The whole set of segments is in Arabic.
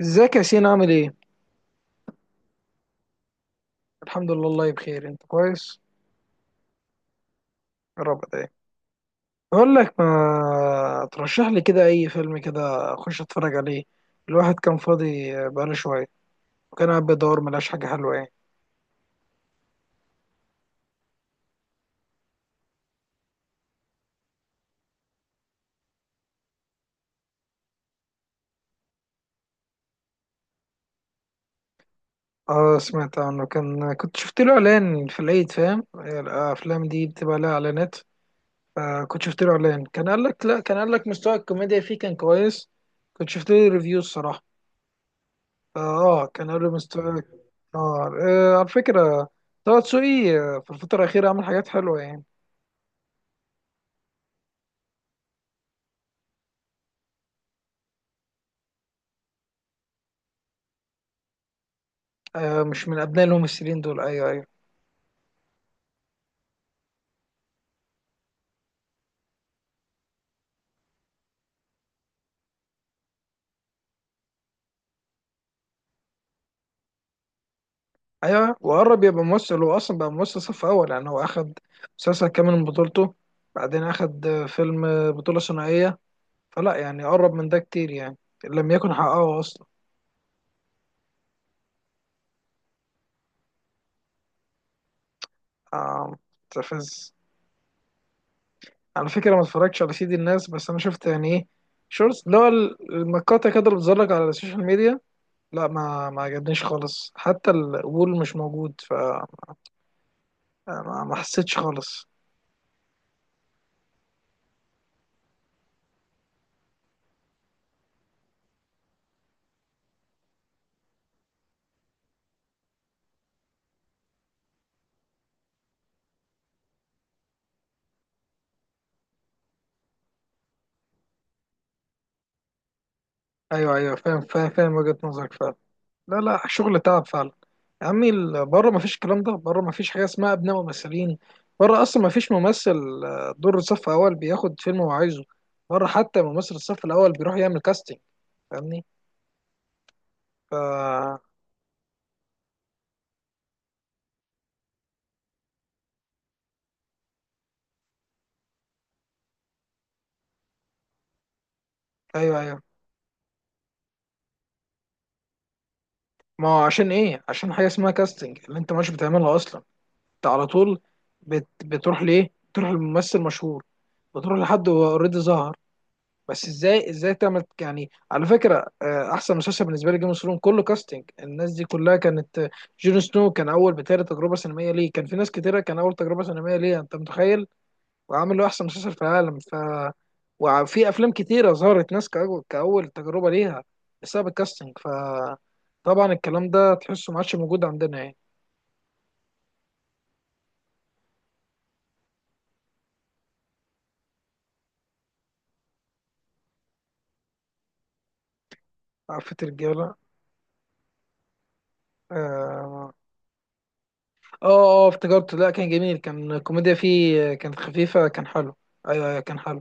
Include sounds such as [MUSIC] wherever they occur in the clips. ازيك يا سين، عامل ايه؟ الحمد لله والله بخير، انت كويس؟ يا رب دايما. بقول لك، ما ترشح لي كده اي فيلم كده اخش اتفرج عليه. الواحد كان فاضي بقاله شوية. وكان قاعد بيدور، ملاش حاجة حلوة يعني. اه، سمعت عنه، كنت شفت له اعلان في العيد، فاهم؟ الافلام دي بتبقى لها اعلانات. آه، كنت شفت له اعلان، كان قال لك لا كان قال لك مستوى الكوميديا فيه كان كويس. كنت شفت له ريفيوز صراحة. اه، كان قبل ما استواك. نار. آه، على فكرة. طه دسوقي، في الفترة الأخيرة عمل حاجات حلوة يعني. آه، مش من أبناء الممثلين دول. أيوه، أيوه. أيوه، وقرب يبقى ممثل. هو أصلا بقى ممثل صف أول يعني. هو أخد مسلسل كامل من بطولته. بعدين أخد فيلم بطولة ثنائية. فلا، يعني قرب من ده كتير يعني. لم يكن حققه أصلا. آه، مستفز. على فكرة ما اتفرجتش على سيد الناس، بس أنا شفت يعني إيه، شورتس، اللي هو المقاطع كده اللي بتظهر لك على السوشيال ميديا. لا، ما عجبنيش خالص، حتى القبول مش موجود. ف ما حسيتش خالص. ايوه، ايوه، فاهم فاهم فاهم وجهة نظرك فعلا. لا، لا، شغل تعب فعلا. يا عمي، بره ما فيش الكلام ده، بره ما فيش حاجه اسمها ابناء ممثلين. بره اصلا ما فيش ممثل دور صف اول بياخد فيلم هو عايزه. بره حتى ممثل الصف الاول بيروح يعمل كاستنج. فاهمني؟ ف ايوه، ايوه. ما هو عشان ايه؟ عشان حاجه اسمها كاستنج اللي انت مش بتعملها اصلا. انت على طول. بتروح ليه؟ تروح لممثل مشهور. بتروح لحد هو اوريدي ظهر. بس ازاي تعمل؟ يعني على فكره، احسن مسلسل بالنسبه لي جيم اوف ثرونز كله كاستنج. الناس دي كلها كانت جون سنو كان اول بتهيألي تجربه سينمائيه ليه. كان في ناس كتيره كان اول تجربه سينمائيه ليه، انت متخيل؟ وعامل له احسن مسلسل في العالم. ف وفي افلام كتيره ظهرت ناس كاول تجربه ليها بسبب الكاستنج. ف طبعا الكلام ده تحسه ما عادش موجود عندنا يعني. عفة الرجاله. آه، اه، اه، افتكرته. لا، كان جميل، كان الكوميديا فيه كانت خفيفة، كان حلو. ايوه، ايوه، كان حلو.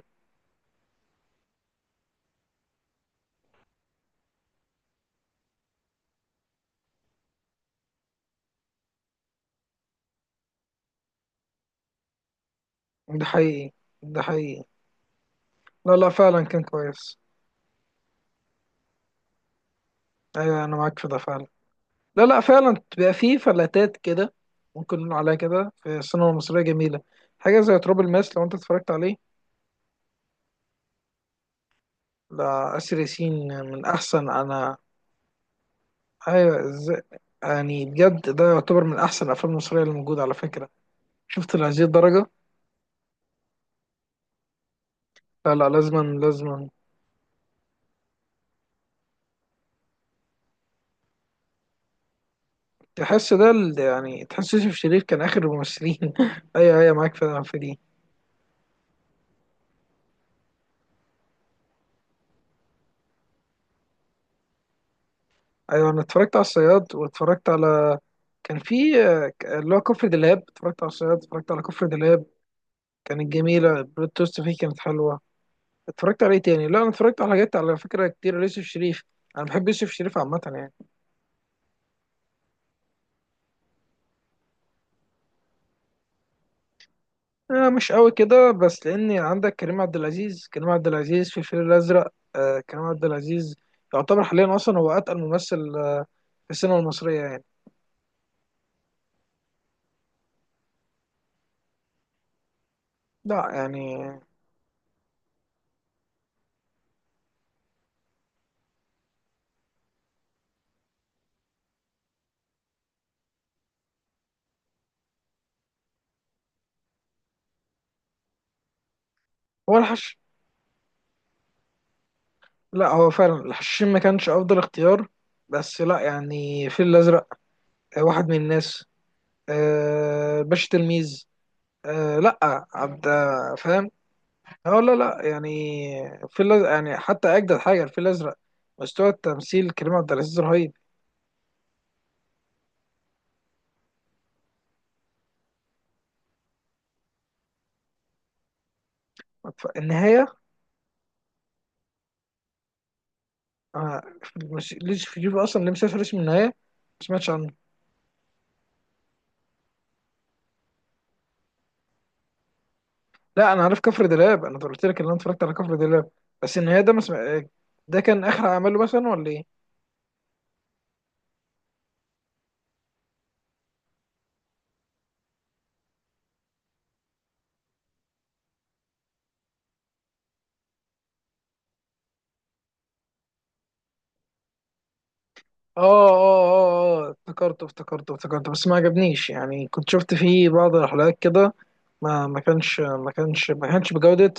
ده حقيقي. ده حقيقي. لا، لا، فعلا كان كويس. ايوه، انا معاك في ده فعلا. لا، لا، فعلا بتبقى فيه فلاتات كده. ممكن نقول عليها كده في السينما المصرية، جميلة. حاجة زي تراب الماس لو انت اتفرجت عليه. لا، آسر ياسين. من احسن انا. ايوه، ازاي. يعني بجد ده يعتبر من احسن الافلام المصرية اللي موجودة على فكرة. شفت، لهذه الدرجة. لا، لا، لازما، لازما. تحس ده يعني تحس يوسف شريف كان اخر الممثلين [LAUGHS] ايوه، ايوه، معاك فعلا في دي. ايوه، انا اتفرجت على الصياد واتفرجت على كان في اللي هو كفر دلهاب. اتفرجت على الصياد، اتفرجت على كفر دلهاب. كانت جميله، البلوت توست فيه كانت حلوه. اتفرجت على ايه تاني؟ لا، انا اتفرجت على حاجات على فكره كتير ليوسف شريف. انا بحب يوسف شريف عامه يعني. آه، مش قوي كده، بس لاني عندك كريم عبد العزيز. كريم عبد العزيز في الفيل الازرق، كريم عبد العزيز يعتبر حاليا اصلا هو اتقل ممثل في السينما المصريه يعني. لا يعني. هو الحش. لا، هو فعلا الحشاشين ما كانش افضل اختيار. بس لا يعني الفيل الازرق، واحد من الناس، باشا تلميذ، لا، عبد، فاهم. اه، لا، لا يعني الفيل الازرق يعني حتى اجدد حاجه الفيل الازرق. مستوى التمثيل كريم عبد العزيز رهيب. النهايه. آه، مش ليش في جيبه اصلا، ليه مسافر اسم النهايه؟ ما سمعتش عنه. لا، انا عارف كفر دلاب، انا قلت لك ان انا اتفرجت على كفر دلاب. بس النهايه ده ما سمع... ده كان اخر عمله مثلا ولا ايه؟ اه، اه، اه، اه، افتكرته افتكرته افتكرته، بس ما عجبنيش يعني كنت شفت فيه بعض الحلقات كده. ما كانش بجودة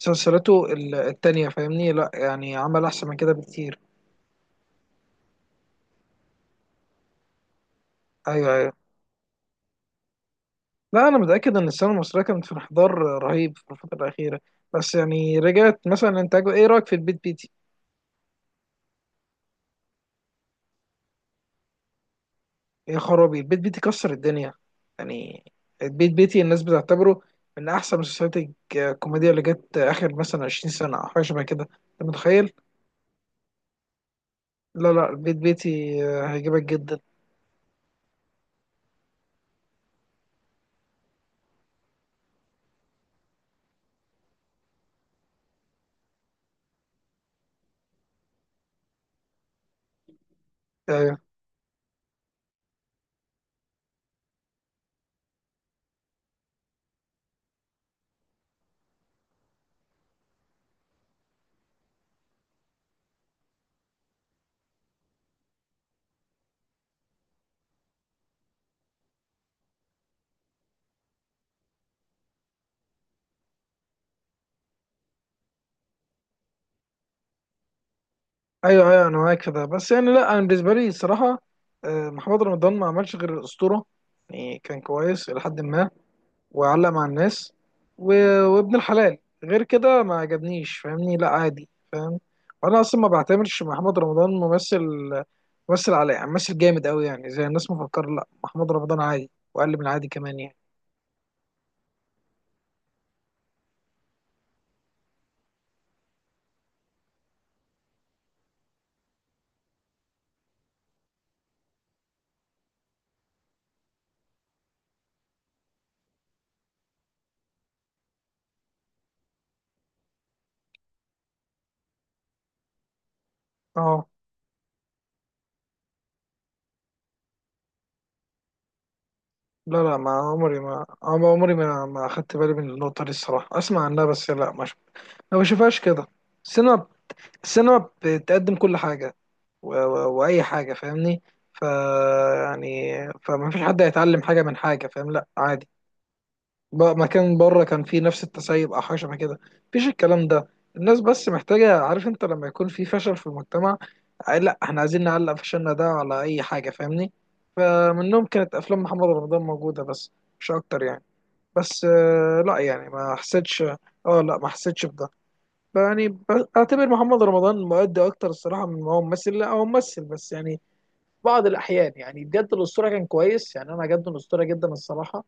مسلسلاته التانية. فاهمني؟ لا يعني عمل احسن من كده بكتير. ايوه، ايوه. لا، انا متأكد ان السينما المصرية كانت في انحدار رهيب في الفترة الأخيرة. بس يعني رجعت مثلا انتاجه. ايه رأيك في البيت بيتي؟ يا خرابي، البيت بيتي كسر الدنيا. يعني البيت بيتي الناس بتعتبره من احسن مسلسلات الكوميديا اللي جت اخر مثلا 20 سنه او حاجه شبه كده. انت متخيل؟ لا، لا، البيت بيتي هيعجبك جدا. ايوه، ايوه، ايوه، انا معاك في ده. بس يعني لا، انا بالنسبه لي الصراحه، محمد رمضان ما عملش غير الاسطوره. يعني كان كويس الى حد ما، وعلق مع الناس، وابن الحلال. غير كده ما عجبنيش، فاهمني؟ لا عادي، فاهم. وانا اصلا ما بعتبرش محمد رمضان ممثل، مثل على مثل جامد قوي يعني زي الناس مفكر. لا، محمد رمضان عادي واقل من عادي كمان يعني. اه، لا، لا، ما عمري ما عم- عمري ما ما اخدت بالي من النقطة دي الصراحة، اسمع عنها، بس لا ما بشوفهاش كده. السينما السينما بتقدم كل حاجة واي حاجة، فاهمني. ف يعني فما فيش حد هيتعلم حاجة من حاجة، فاهم؟ لا عادي. بقى مكان بره كان فيه نفس التسيب او حاجه شبه كده. مفيش الكلام ده. الناس بس محتاجه. عارف انت لما يكون في فشل في المجتمع، لا احنا عايزين نعلق فشلنا ده على اي حاجه، فاهمني؟ فمنهم كانت افلام محمد رمضان موجوده، بس مش اكتر يعني. بس لا يعني ما حسيتش. اه، لا ما حسيتش بده. يعني اعتبر محمد رمضان مؤدي اكتر الصراحه من ما هو ممثل. لا هو ممثل بس يعني بعض الأحيان يعني بجد الأسطورة كان كويس، يعني أنا عجبني الأسطورة جدا الصراحة.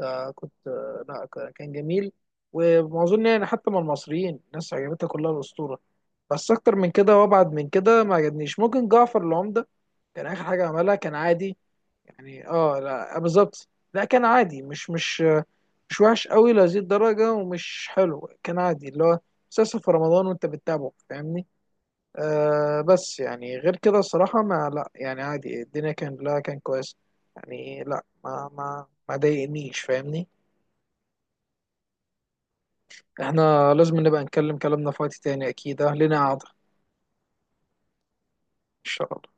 كنت لا كان جميل. ومعظم يعني حتى من المصريين، الناس عجبتها كلها الأسطورة. بس أكتر من كده وأبعد من كده ما عجبنيش. ممكن جعفر العمدة كان آخر حاجة عملها، كان عادي يعني. اه، لا بالظبط. لا كان عادي، مش مش وحش قوي لهذه الدرجة، ومش حلو. كان عادي اللي هو مسلسل في رمضان وأنت بتتابعه، فاهمني؟ آه، بس يعني غير كده الصراحة، ما لا يعني عادي الدنيا كان. لا كان كويس يعني. لا ما ضايقنيش، فاهمني؟ احنا لازم نبقى نتكلم كلامنا في وقت تاني، اكيد لنا قعدة ان شاء الله.